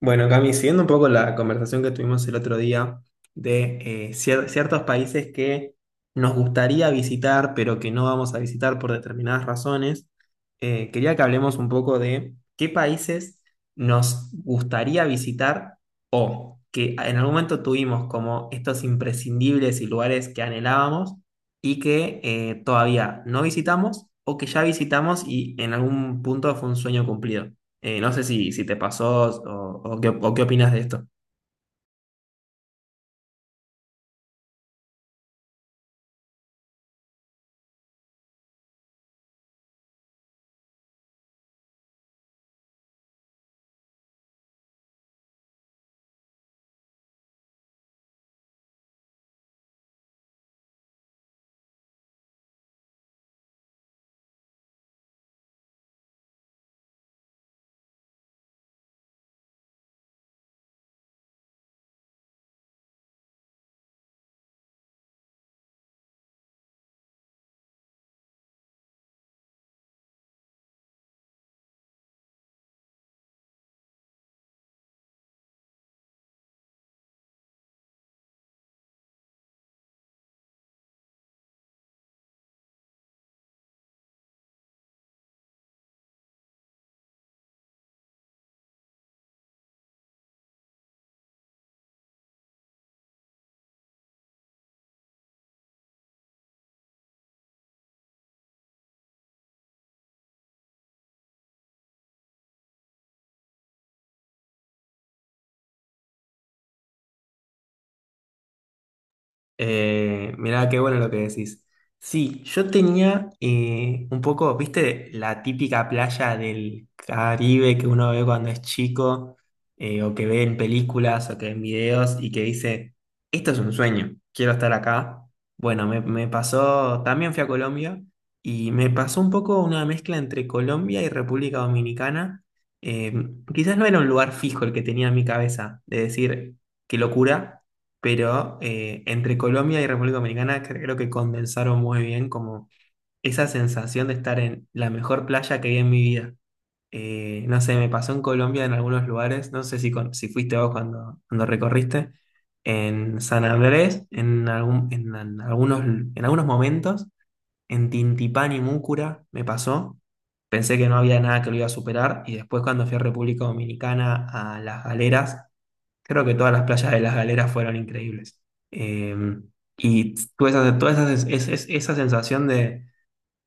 Bueno, Cami, siguiendo un poco la conversación que tuvimos el otro día de ciertos países que nos gustaría visitar, pero que no vamos a visitar por determinadas razones. Quería que hablemos un poco de qué países nos gustaría visitar o que en algún momento tuvimos como estos imprescindibles y lugares que anhelábamos y que todavía no visitamos o que ya visitamos y en algún punto fue un sueño cumplido. No sé si te pasó o qué, o qué opinas de esto. Mirá, qué bueno lo que decís. Sí, yo tenía un poco, viste, la típica playa del Caribe que uno ve cuando es chico, o que ve en películas o que ve en videos y que dice, esto es un sueño, quiero estar acá. Bueno, me pasó, también fui a Colombia y me pasó un poco una mezcla entre Colombia y República Dominicana. Eh, Quizás no era un lugar fijo el que tenía en mi cabeza, de decir, qué locura, pero entre Colombia y República Dominicana creo que condensaron muy bien como esa sensación de estar en la mejor playa que vi en mi vida. No sé, me pasó en Colombia en algunos lugares, no sé si fuiste vos cuando recorriste, en San Andrés, en, algún- en algunos momentos, en Tintipán y Múcura me pasó. Pensé que no había nada que lo iba a superar y después cuando fui a República Dominicana a Las Galeras. Creo que todas las playas de las Galeras fueron increíbles. Eh, y tuve esa, toda esa, es- esa sensación de,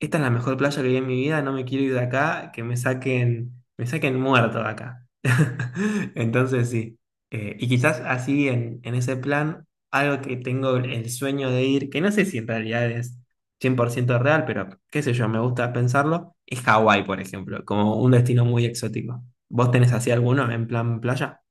esta es la mejor playa que vi en mi vida, no me quiero ir de acá, que me saquen muerto de acá. Entonces sí. Y quizás así en ese plan, algo que tengo el sueño de ir, que no sé si en realidad es 100% real, pero qué sé yo, me gusta pensarlo, es Hawái, por ejemplo, como un destino muy exótico. ¿Vos tenés así alguno en plan playa?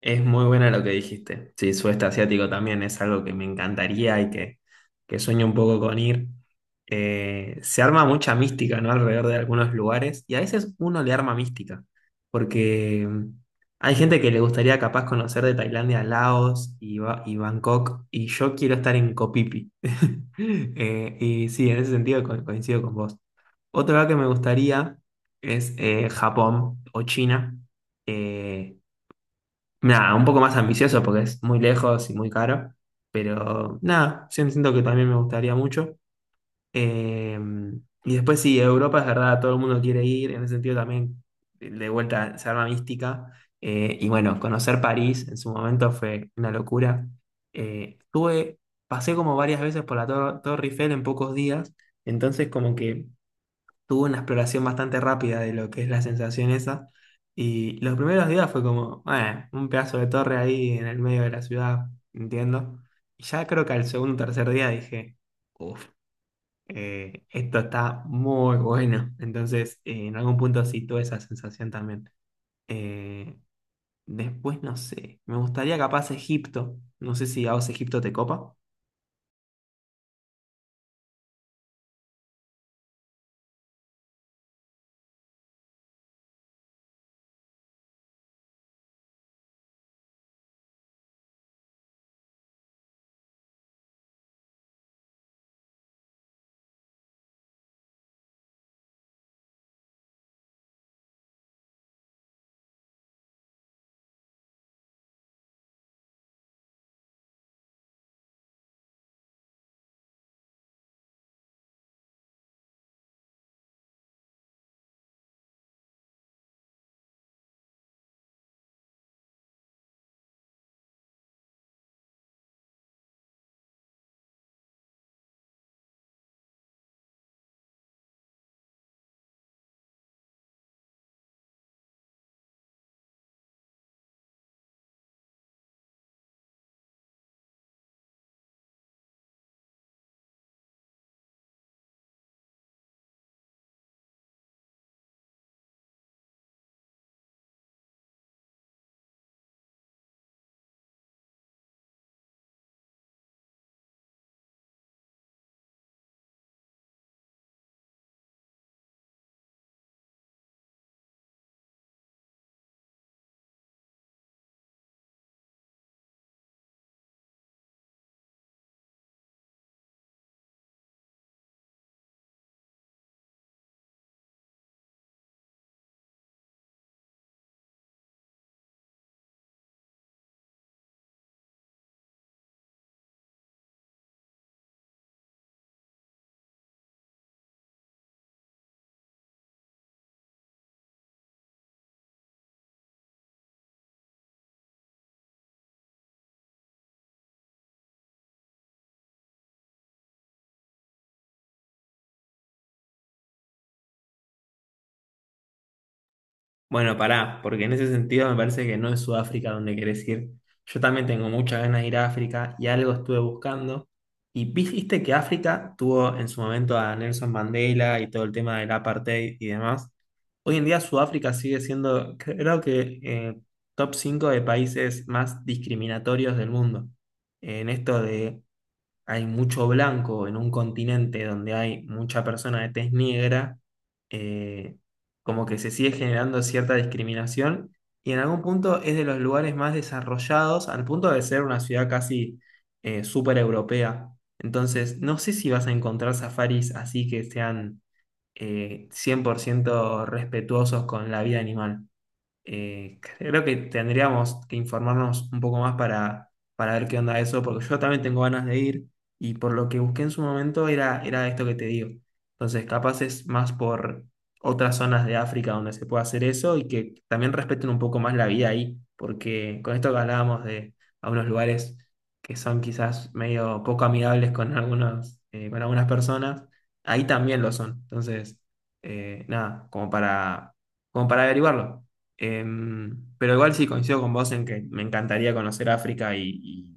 Es muy buena lo que dijiste. Sí, sudeste asiático también es algo que me encantaría y que sueño un poco con ir. Se arma mucha mística, ¿no? Alrededor de algunos lugares y a veces uno le arma mística, porque mm, hay gente que le gustaría capaz conocer de Tailandia a Laos y Bangkok, y yo quiero estar en Copipi. Y sí, en ese sentido coincido con vos. Otro lugar que me gustaría es Japón o China. Eh, Nada, un poco más ambicioso porque es muy lejos y muy caro, pero nada, sí siento que también me gustaría mucho. Eh, y después sí, Europa es verdad, todo el mundo quiere ir, en ese sentido también de vuelta se arma mística. Y bueno, conocer París en su momento fue una locura. Eh, estuve- Pasé como varias veces por la Torre Eiffel en pocos días, entonces como que tuvo una exploración bastante rápida de lo que es la sensación esa. Y los primeros días fue como, bueno, un pedazo de torre ahí en el medio de la ciudad, entiendo. Y ya creo que al segundo o tercer día dije, uff, esto está muy bueno. Entonces, en algún punto sí tuve esa sensación también. Eh, Después, no sé, me gustaría capaz Egipto. No sé si a vos Egipto te copa. Bueno, pará, porque en ese sentido me parece que no es Sudáfrica donde querés ir. Yo también tengo muchas ganas de ir a África y algo estuve buscando. Y viste que África tuvo en su momento a Nelson Mandela y todo el tema del apartheid y demás. Hoy en día Sudáfrica sigue siendo, creo que, top 5 de países más discriminatorios del mundo. En esto de hay mucho blanco en un continente donde hay mucha persona de tez negra, eh, como que se sigue generando cierta discriminación y en algún punto es de los lugares más desarrollados al punto de ser una ciudad casi súper europea. Entonces, no sé si vas a encontrar safaris así que sean 100% respetuosos con la vida animal. Creo que tendríamos que informarnos un poco más para ver qué onda eso, porque yo también tengo ganas de ir y por lo que busqué en su momento era esto que te digo. Entonces, capaz es más por otras zonas de África donde se puede hacer eso y que también respeten un poco más la vida ahí, porque con esto que hablábamos de algunos lugares que son quizás medio poco amigables con algunos, con algunas personas, ahí también lo son. Entonces, nada, como para averiguarlo. Em, pero igual sí coincido con vos en que me encantaría conocer África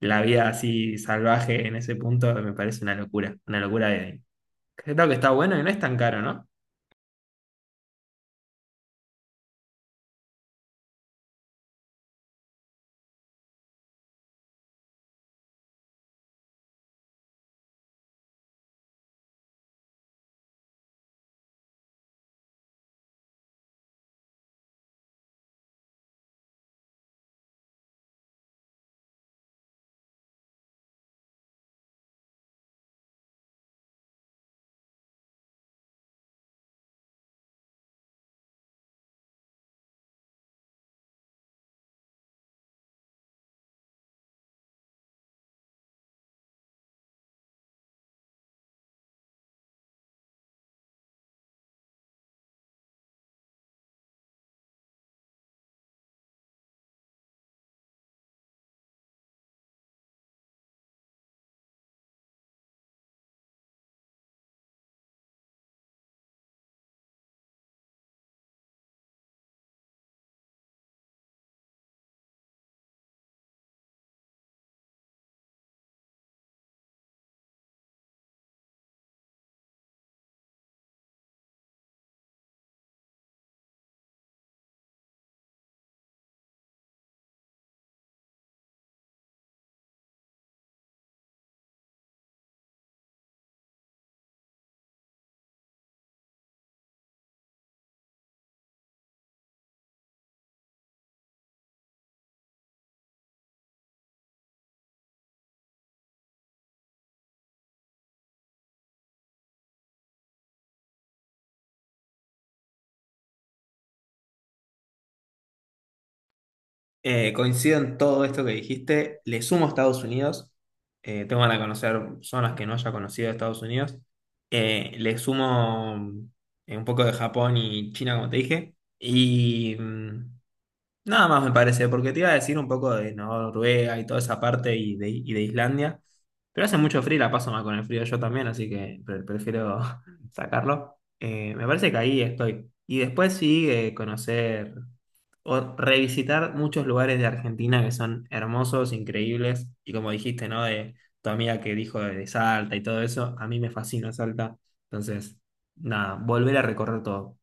y la vida así salvaje en ese punto me parece una locura de... Creo que está bueno y no es tan caro, ¿no? Coincido en todo esto que dijiste, le sumo a Estados Unidos, tengo ganas de conocer zonas que no haya conocido de Estados Unidos. Le sumo un poco de Japón y China, como te dije, y... nada más me parece, porque te iba a decir un poco de ¿no? Noruega y toda esa parte y de Islandia, pero hace mucho frío, y la paso mal con el frío yo también, así que prefiero sacarlo. Me parece que ahí estoy. Y después sí conocer o revisitar muchos lugares de Argentina que son hermosos, increíbles, y como dijiste, ¿no? De tu amiga que dijo de Salta y todo eso, a mí me fascina Salta, entonces, nada, volver a recorrer todo.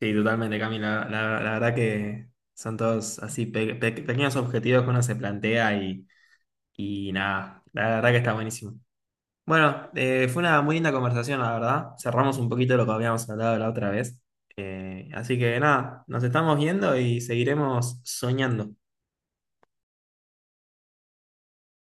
Sí, totalmente, Camila. La verdad que son todos así pequeños objetivos que uno se plantea y nada, la verdad que está buenísimo. Bueno, fue una muy linda conversación, la verdad. Cerramos un poquito lo que habíamos hablado la otra vez. Así que nada, nos estamos viendo y seguiremos soñando.